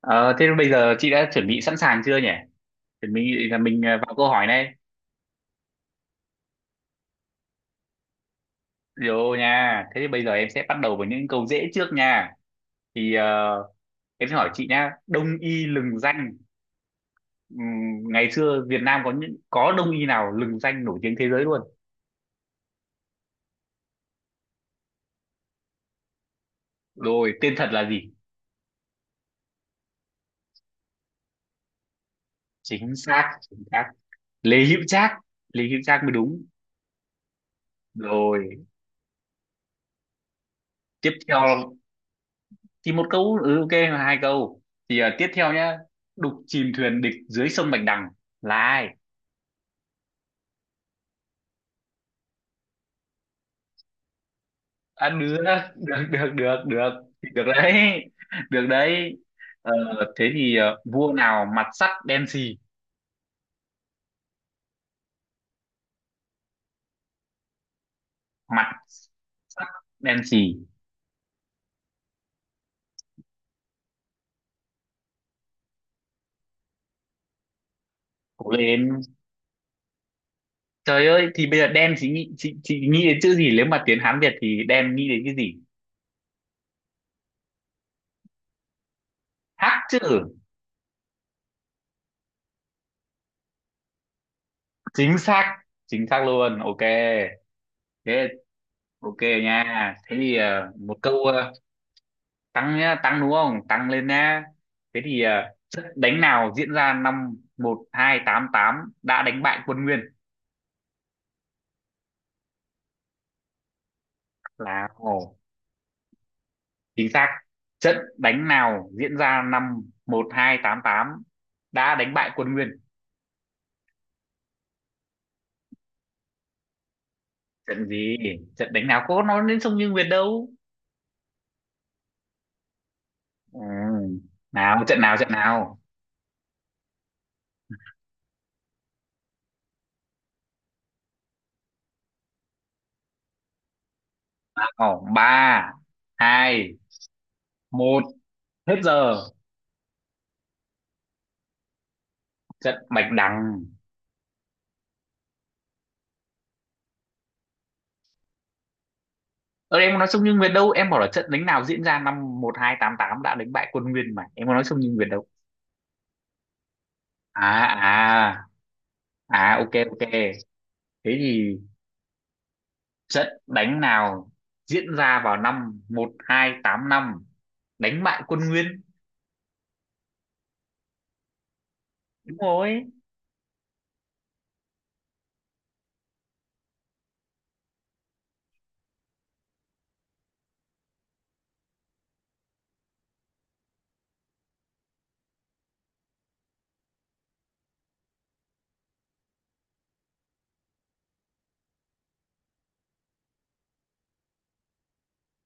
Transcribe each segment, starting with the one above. Ờ, Thế bây giờ chị đã chuẩn bị sẵn sàng chưa nhỉ? Chuẩn bị là mình, vào câu hỏi này. Rồi nha. Thế thì bây giờ em sẽ bắt đầu với những câu dễ trước nha. Thì em sẽ hỏi chị nha. Đông y lừng danh. Ngày xưa Việt Nam có đông y nào lừng danh nổi tiếng thế giới luôn. Rồi tên thật là gì? Chính xác, chính xác. Lê Hữu Trác. Lê Hữu Trác mới đúng. Rồi tiếp theo thì một câu, ok, hai câu. Thì tiếp theo nhá. Đục chìm thuyền địch dưới sông Bạch Đằng là ai? Được, được, được, được, được. Thì được đấy, được đấy. ờ, Thế thì vua nào mặt sắt đen xì. Mặt sắt đen xì. Cố lên. Trời ơi, thì bây giờ đen chị nghĩ, chị nghĩ đến chữ gì, nếu mà tiếng Hán Việt thì đen nghĩ đến cái gì? Hắc chữ. Chính xác, chính xác luôn. Ok thế. Ok nha. Thế thì một câu tăng nhá, tăng đúng không, tăng lên nhá. Thế thì trận đánh nào diễn ra năm 1288 đã đánh bại quân Nguyên? Là ồ, chính xác. Trận đánh nào diễn ra năm một hai tám tám đã đánh bại quân Nguyên? Trận gì? Trận đánh nào có nói đến sông Như Nguyệt đâu. Ừ. Nào, trận nào, trận nào? Ồ ba, hai, một, hết giờ. Trận Bạch Đằng. Ờ em có nói sông nhưng Nguyệt đâu, em bảo là trận đánh nào diễn ra năm 1288 đã đánh bại quân Nguyên mà. Em có nói sông nhưng Nguyệt đâu. À, à, à, ok, ok. Thế thì trận đánh nào diễn ra vào năm 1285 đánh bại quân Nguyên? Đúng rồi.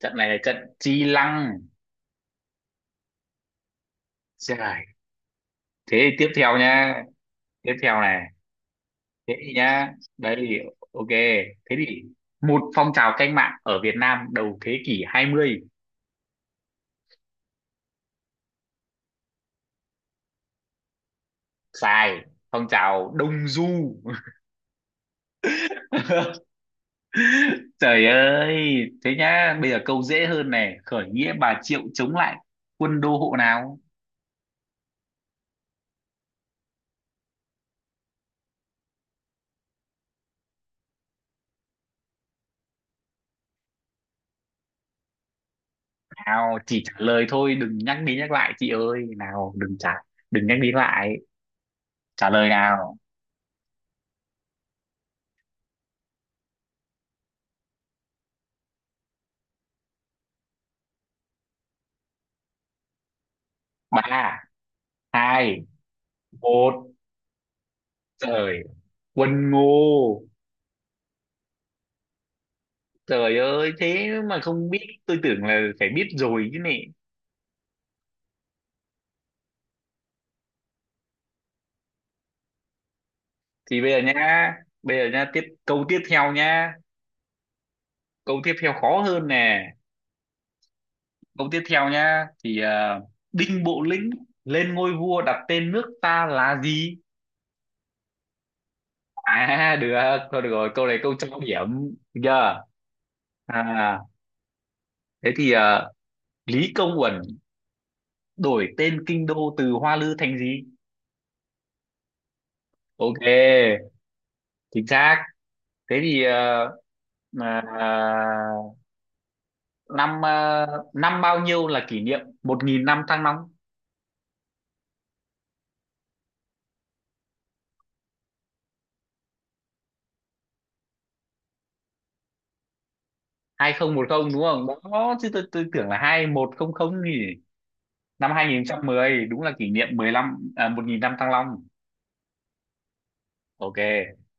Trận này là trận Chi Lăng. Trời. Thế thì tiếp theo nha. Tiếp theo này. Thế thì nhá. Đây thì ok. Thế thì một phong trào cách mạng ở Việt Nam đầu thế kỷ 20. Sai. Phong trào Đông Du. Trời ơi, thế nhá, bây giờ câu dễ hơn này, khởi nghĩa Bà Triệu chống lại quân đô hộ nào? Nào, chỉ trả lời thôi, đừng nhắc đi nhắc lại chị ơi, nào, đừng nhắc đi lại, trả lời nào. Ba, hai, một, trời, quân Ngô. Trời ơi, thế mà không biết, tôi tưởng là phải biết rồi chứ nè. Thì bây giờ nhá, tiếp câu tiếp theo nhá, câu tiếp theo khó hơn nè. Câu tiếp theo nhá thì Đinh Bộ Lĩnh lên ngôi vua đặt tên nước ta là gì? À được, thôi được rồi, câu này câu trọng điểm. Được chưa? À, thế thì Lý Công Uẩn đổi tên kinh đô từ Hoa Lư thành gì? Ok, chính xác. Thế thì à, năm à, năm bao nhiêu là kỷ niệm 1.000 năm Thăng Long? 2010 đúng không? Đó chứ tôi tưởng là 2100 nhỉ. Năm 2010 đúng là kỷ niệm 1.000 năm Thăng Long. Ok,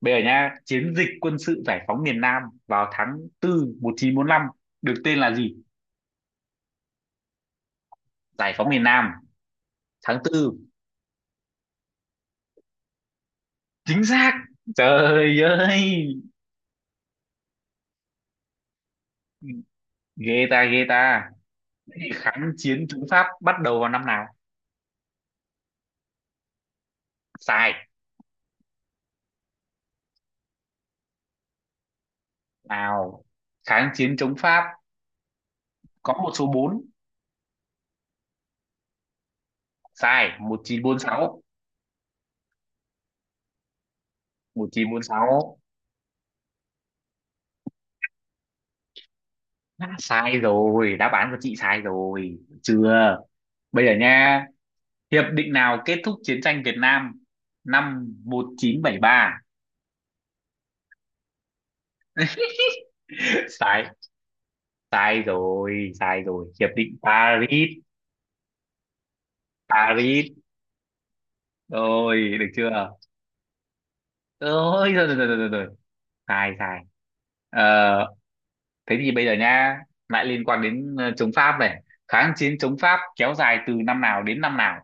bây giờ nhá, chiến dịch quân sự giải phóng miền Nam vào tháng 4 1945 được tên là gì? Giải phóng miền Nam tháng tư. Chính xác. Trời ơi. Ghê ta, ghê ta. Thế thì kháng chiến chống Pháp bắt đầu vào năm nào? Sai. Nào, kháng chiến chống Pháp có một số bốn. Sai. 1946 sáu. Đã sai rồi, đáp án của chị sai rồi, được chưa? Bây giờ nha, hiệp định nào kết thúc chiến tranh Việt Nam năm 1973? Sai, sai rồi, hiệp định Paris, Paris. Rồi, được chưa? Ôi, rồi, rồi, rồi, rồi, rồi, rồi. Sai, sai. Ờ, Thế thì bây giờ nha, lại liên quan đến chống Pháp này. Kháng chiến chống Pháp kéo dài từ năm nào đến năm nào?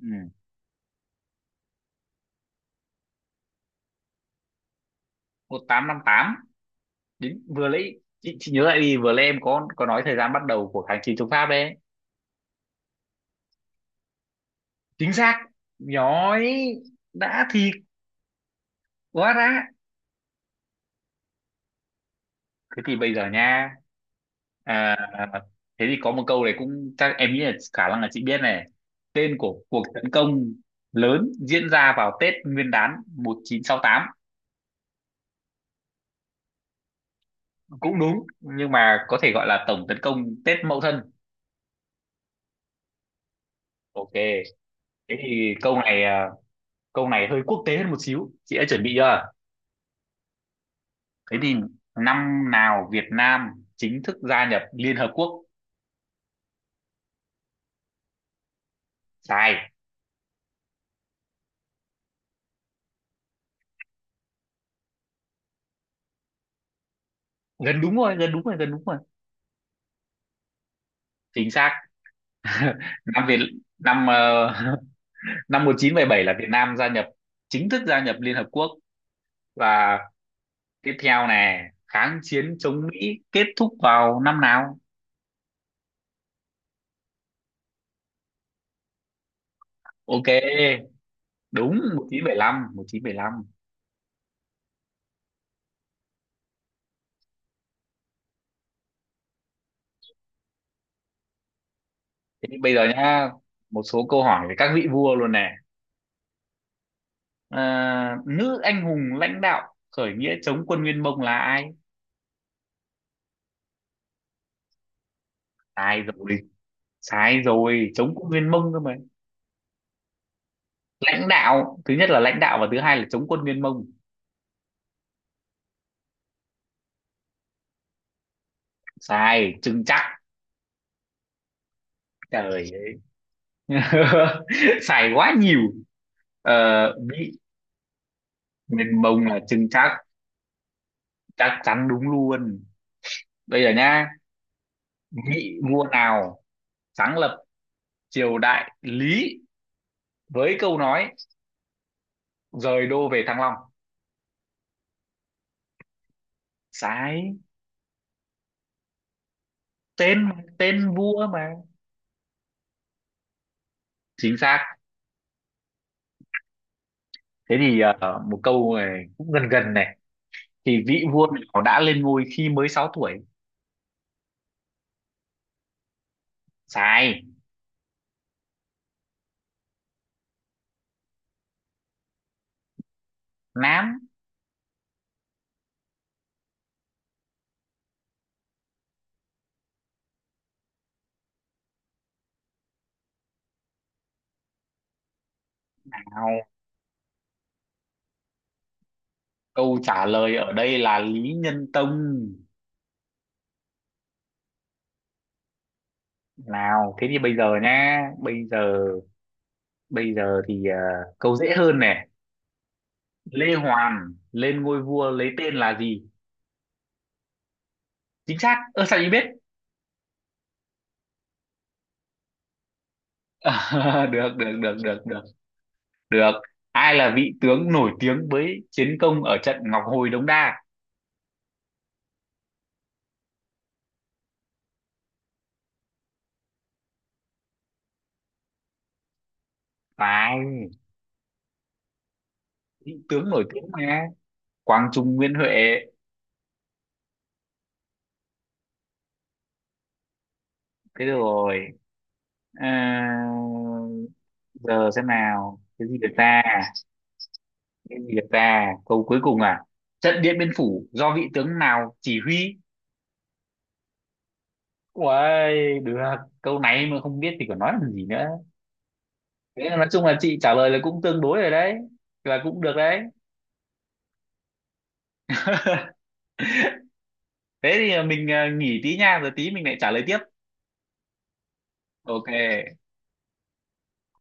Ừ, 1858, đến vừa lấy chị nhớ lại đi, vừa lấy em có nói thời gian bắt đầu của kháng chiến chống Pháp đấy. Chính xác. Nhói. Đã thì quá đã. Thế thì bây giờ nha, à, thế thì có một câu này cũng chắc em nghĩ là khả năng là chị biết này. Tên của cuộc tấn công lớn diễn ra vào Tết Nguyên đán 1968. Cũng đúng nhưng mà có thể gọi là tổng tấn công Tết Mậu Thân. Ok, thế thì câu này hơi quốc tế hơn một xíu, chị đã chuẩn bị chưa? Thế thì năm nào Việt Nam chính thức gia nhập Liên Hợp Quốc? Sai. Gần đúng rồi, gần đúng rồi, gần đúng rồi. Chính xác. Năm Việt năm năm 1977 là Việt Nam gia nhập, chính thức gia nhập Liên Hợp Quốc. Và tiếp theo này, kháng chiến chống Mỹ kết thúc vào năm nào? Ok, đúng. 1975, lăm. Thế thì bây giờ nhá, một số câu hỏi về các vị vua luôn nè. Ờ, nữ anh hùng lãnh đạo khởi nghĩa chống quân Nguyên Mông là ai? Ai rồi. Sai rồi, chống quân Nguyên Mông cơ mà. Lãnh đạo thứ nhất là lãnh đạo, và thứ hai là chống quân Nguyên Mông. Sai chừng chắc. Trời ơi. Sai quá nhiều. ờ, Mỹ Nguyên Mông là chừng chắc, chắc chắn đúng luôn. Bây giờ nhá, vị vua nào sáng lập triều đại Lý với câu nói rời đô về Thăng Long? Sai. Tên mà, tên vua mà. Chính xác. Thế thì một câu này cũng gần gần này, thì vị vua nào đã lên ngôi khi mới 6 tuổi? Sai. Nám. Nào, câu trả lời ở đây là Lý Nhân Tông. Nào, thế thì bây giờ nhá, bây giờ thì câu dễ hơn này. Lê Hoàn lên ngôi vua lấy tên là gì? Chính xác. Ơ sao chị biết? Được, được, được, được, được, được. Ai là vị tướng nổi tiếng với chiến công ở trận Ngọc Hồi Đống Đa? Phải. Vị tướng nổi tiếng mà. Quang Trung Nguyễn Huệ. Thế rồi. À, giờ xem nào, cái gì được ta? Nên Việt ta câu cuối cùng à. Trận Điện Biên Phủ do vị tướng nào chỉ huy? Uầy, được. Câu này mà không biết thì còn nói làm gì nữa. Thế là nói chung là chị trả lời là cũng tương đối rồi đấy, là cũng được đấy. Thế thì mình nghỉ tí nha, rồi tí mình lại trả lời tiếp. Ok.